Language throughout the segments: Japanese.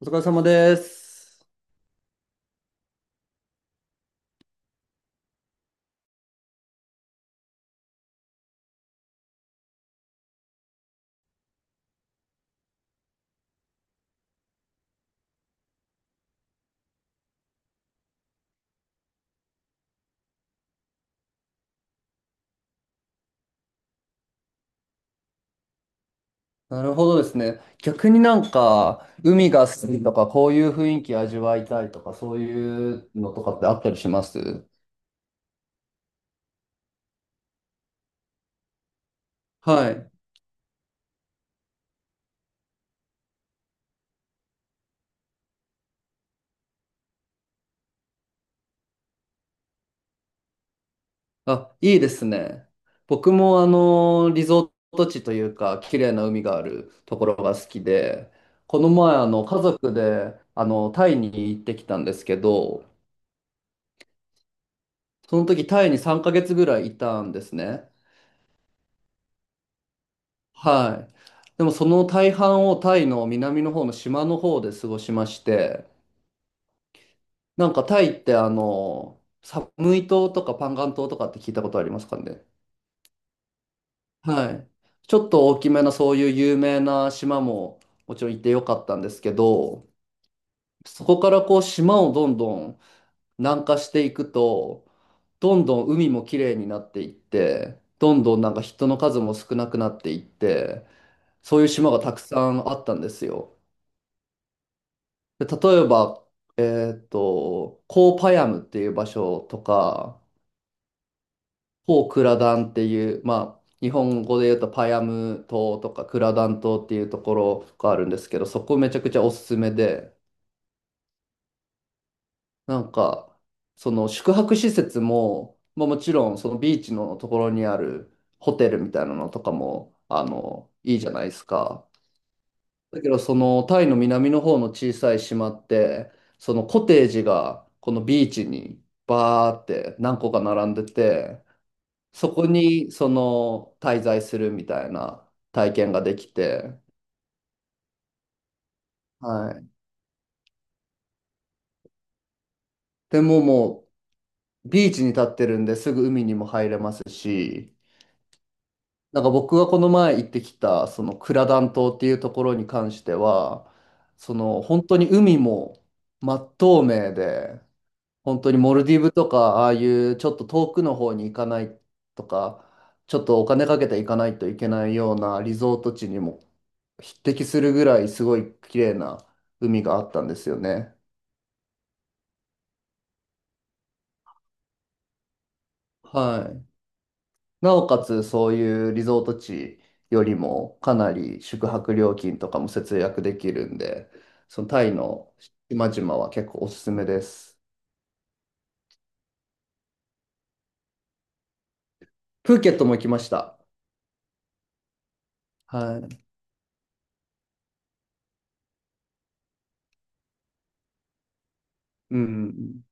お疲れ様です。なるほどですね。逆に海が好きとか、こういう雰囲気味わいたいとか、そういうのとかってあったりします？はい。あ、いいですね。僕もリゾート地というか、綺麗な海があるところが好きで、この前家族でタイに行ってきたんですけど、その時タイに3ヶ月ぐらいいたんですね。はい。でもその大半をタイの南の方の島の方で過ごしまして、タイってサムイ島とかパンガン島とかって聞いたことありますかね？はい。ちょっと大きめなそういう有名な島ももちろん行ってよかったんですけど、そこからこう島をどんどん南下していくと、どんどん海も綺麗になっていって、どんどん人の数も少なくなっていって、そういう島がたくさんあったんですよ。で例えば、えコーパヤムっていう場所とか、コークラダンっていう、まあ、日本語で言うとパヤム島とかクラダン島っていうところがあるんですけど、そこめちゃくちゃおすすめで、なんか、その宿泊施設も、まあ、もちろんそのビーチのところにあるホテルみたいなのとかも、いいじゃないですか。だけど、そのタイの南の方の小さい島って、そのコテージがこのビーチにバーって何個か並んでて、そこにその滞在するみたいな体験ができて、はい。でももうビーチに立ってるんですぐ海にも入れますし、僕がこの前行ってきたそのクラダン島っていうところに関しては、その本当に海も真っ透明で、本当にモルディブとか、ああいうちょっと遠くの方に行かないとか、ちょっとお金かけて行かないといけないようなリゾート地にも匹敵するぐらいすごい綺麗な海があったんですよね。はい。なおかつそういうリゾート地よりもかなり宿泊料金とかも節約できるんで、そのタイの島々は結構おすすめです。プーケットも行きました。はい。うん。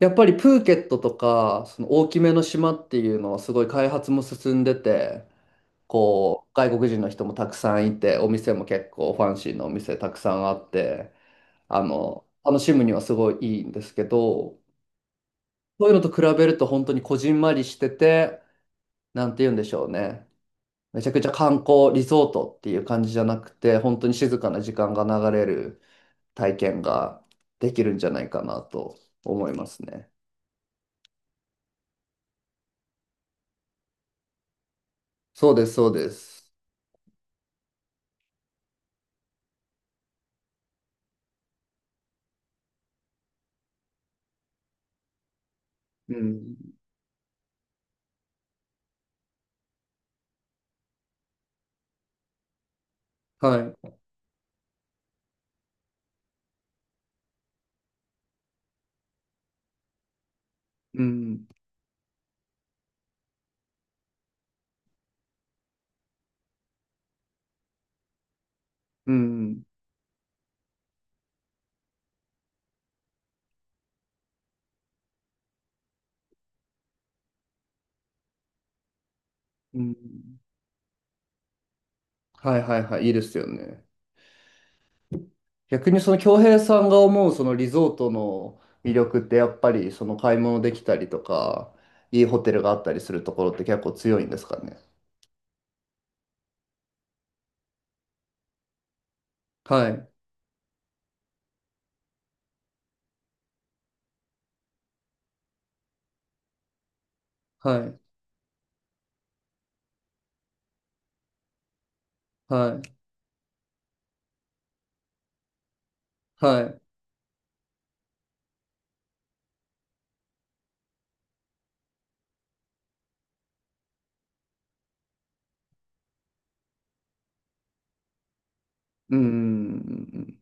やっぱりプーケットとか、その大きめの島っていうのはすごい開発も進んでて、こう、外国人の人もたくさんいて、お店も結構ファンシーなお店たくさんあって、楽しむにはすごいいいんですけど、そういうのと比べると本当にこじんまりしてて、なんて言うんでしょうね。めちゃくちゃ観光リゾートっていう感じじゃなくて、本当に静かな時間が流れる体験ができるんじゃないかなと思いますね。そうです、そうです。うん。はい。うん。うん。うん。はいはいはい。いいですよね。逆にその恭平さんが思うそのリゾートの魅力ってやっぱりその買い物できたりとか、いいホテルがあったりするところって結構強いんですかね？はい。はい。はい。はい。うん。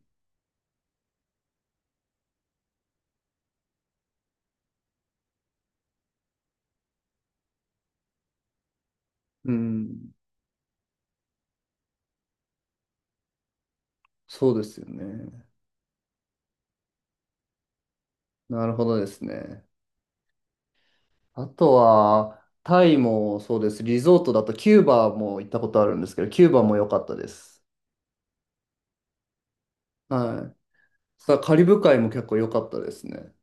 うん。そうですよね。なるほどですね。あとは、タイもそうです。リゾートだとキューバも行ったことあるんですけど、キューバも良かったです。はい。さあ、カリブ海も結構良かったですね。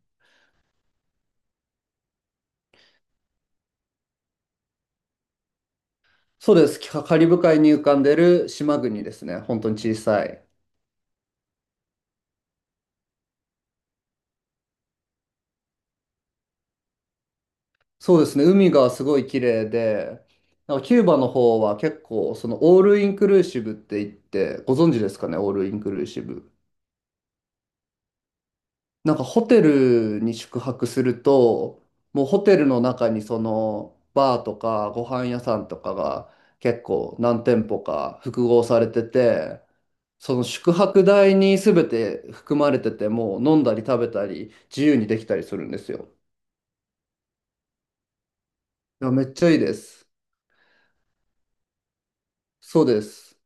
そうです。カリブ海に浮かんでる島国ですね。本当に小さい。そうですね。海がすごい綺麗で、キューバの方は結構、そのオールインクルーシブって言って、ご存知ですかね、オールインクルーシブ。ホテルに宿泊すると、もうホテルの中にそのバーとかご飯屋さんとかが結構何店舗か複合されてて、その宿泊代に全て含まれてて、もう飲んだり食べたり自由にできたりするんですよ。いや、めっちゃいいです。そうです。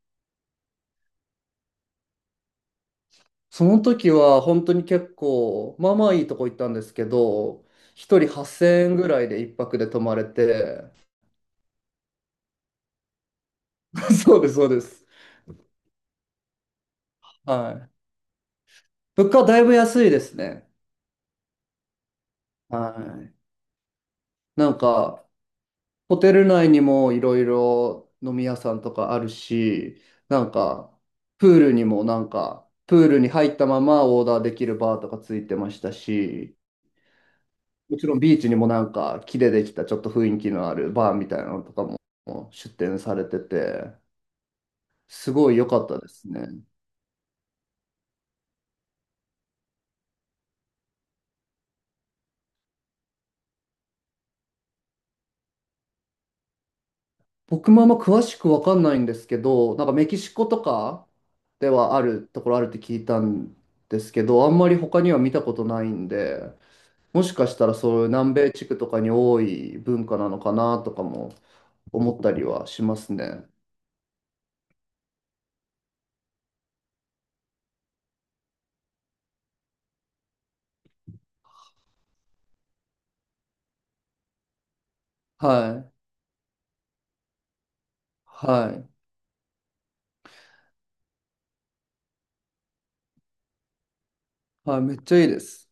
その時は本当に結構、まあまあいいとこ行ったんですけど、一人8000円ぐらいで一泊で泊まれて、そうです、そうです。はい。物価はだいぶ安いですね。はい。なんか、ホテル内にもいろいろ飲み屋さんとかあるし、なんか、プールにもプールに入ったままオーダーできるバーとかついてましたし、もちろんビーチにも木でできたちょっと雰囲気のあるバーみたいなのとかも出店されてて、すごい良かったですね。僕もあんま詳しくわかんないんですけど、メキシコとかではあるところあるって聞いたんですけど、あんまり他には見たことないんで、もしかしたらそういう南米地区とかに多い文化なのかなとかも思ったりはしますね。はい。はい。はい。めっちゃいいです。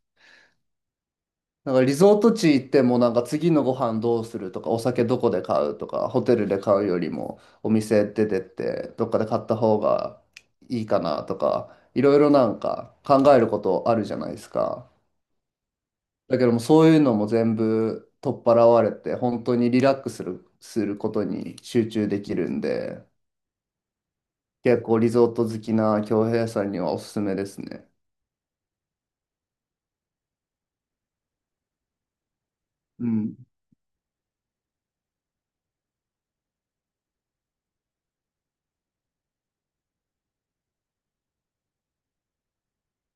リゾート地行っても次のご飯どうするとかお酒どこで買うとかホテルで買うよりもお店出てってどっかで買った方がいいかなとかいろいろ考えることあるじゃないですか。だけどもそういうのも全部取っ払われて本当にリラックスする、することに集中できるんで。結構リゾート好きな京平さんにはおすすめですね。うん。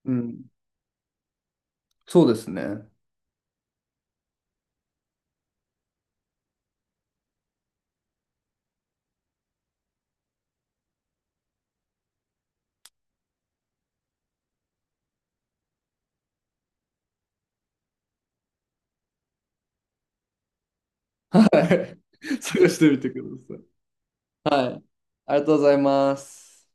うん。そうですね。はい。探してみてください。はい。ありがとうございます。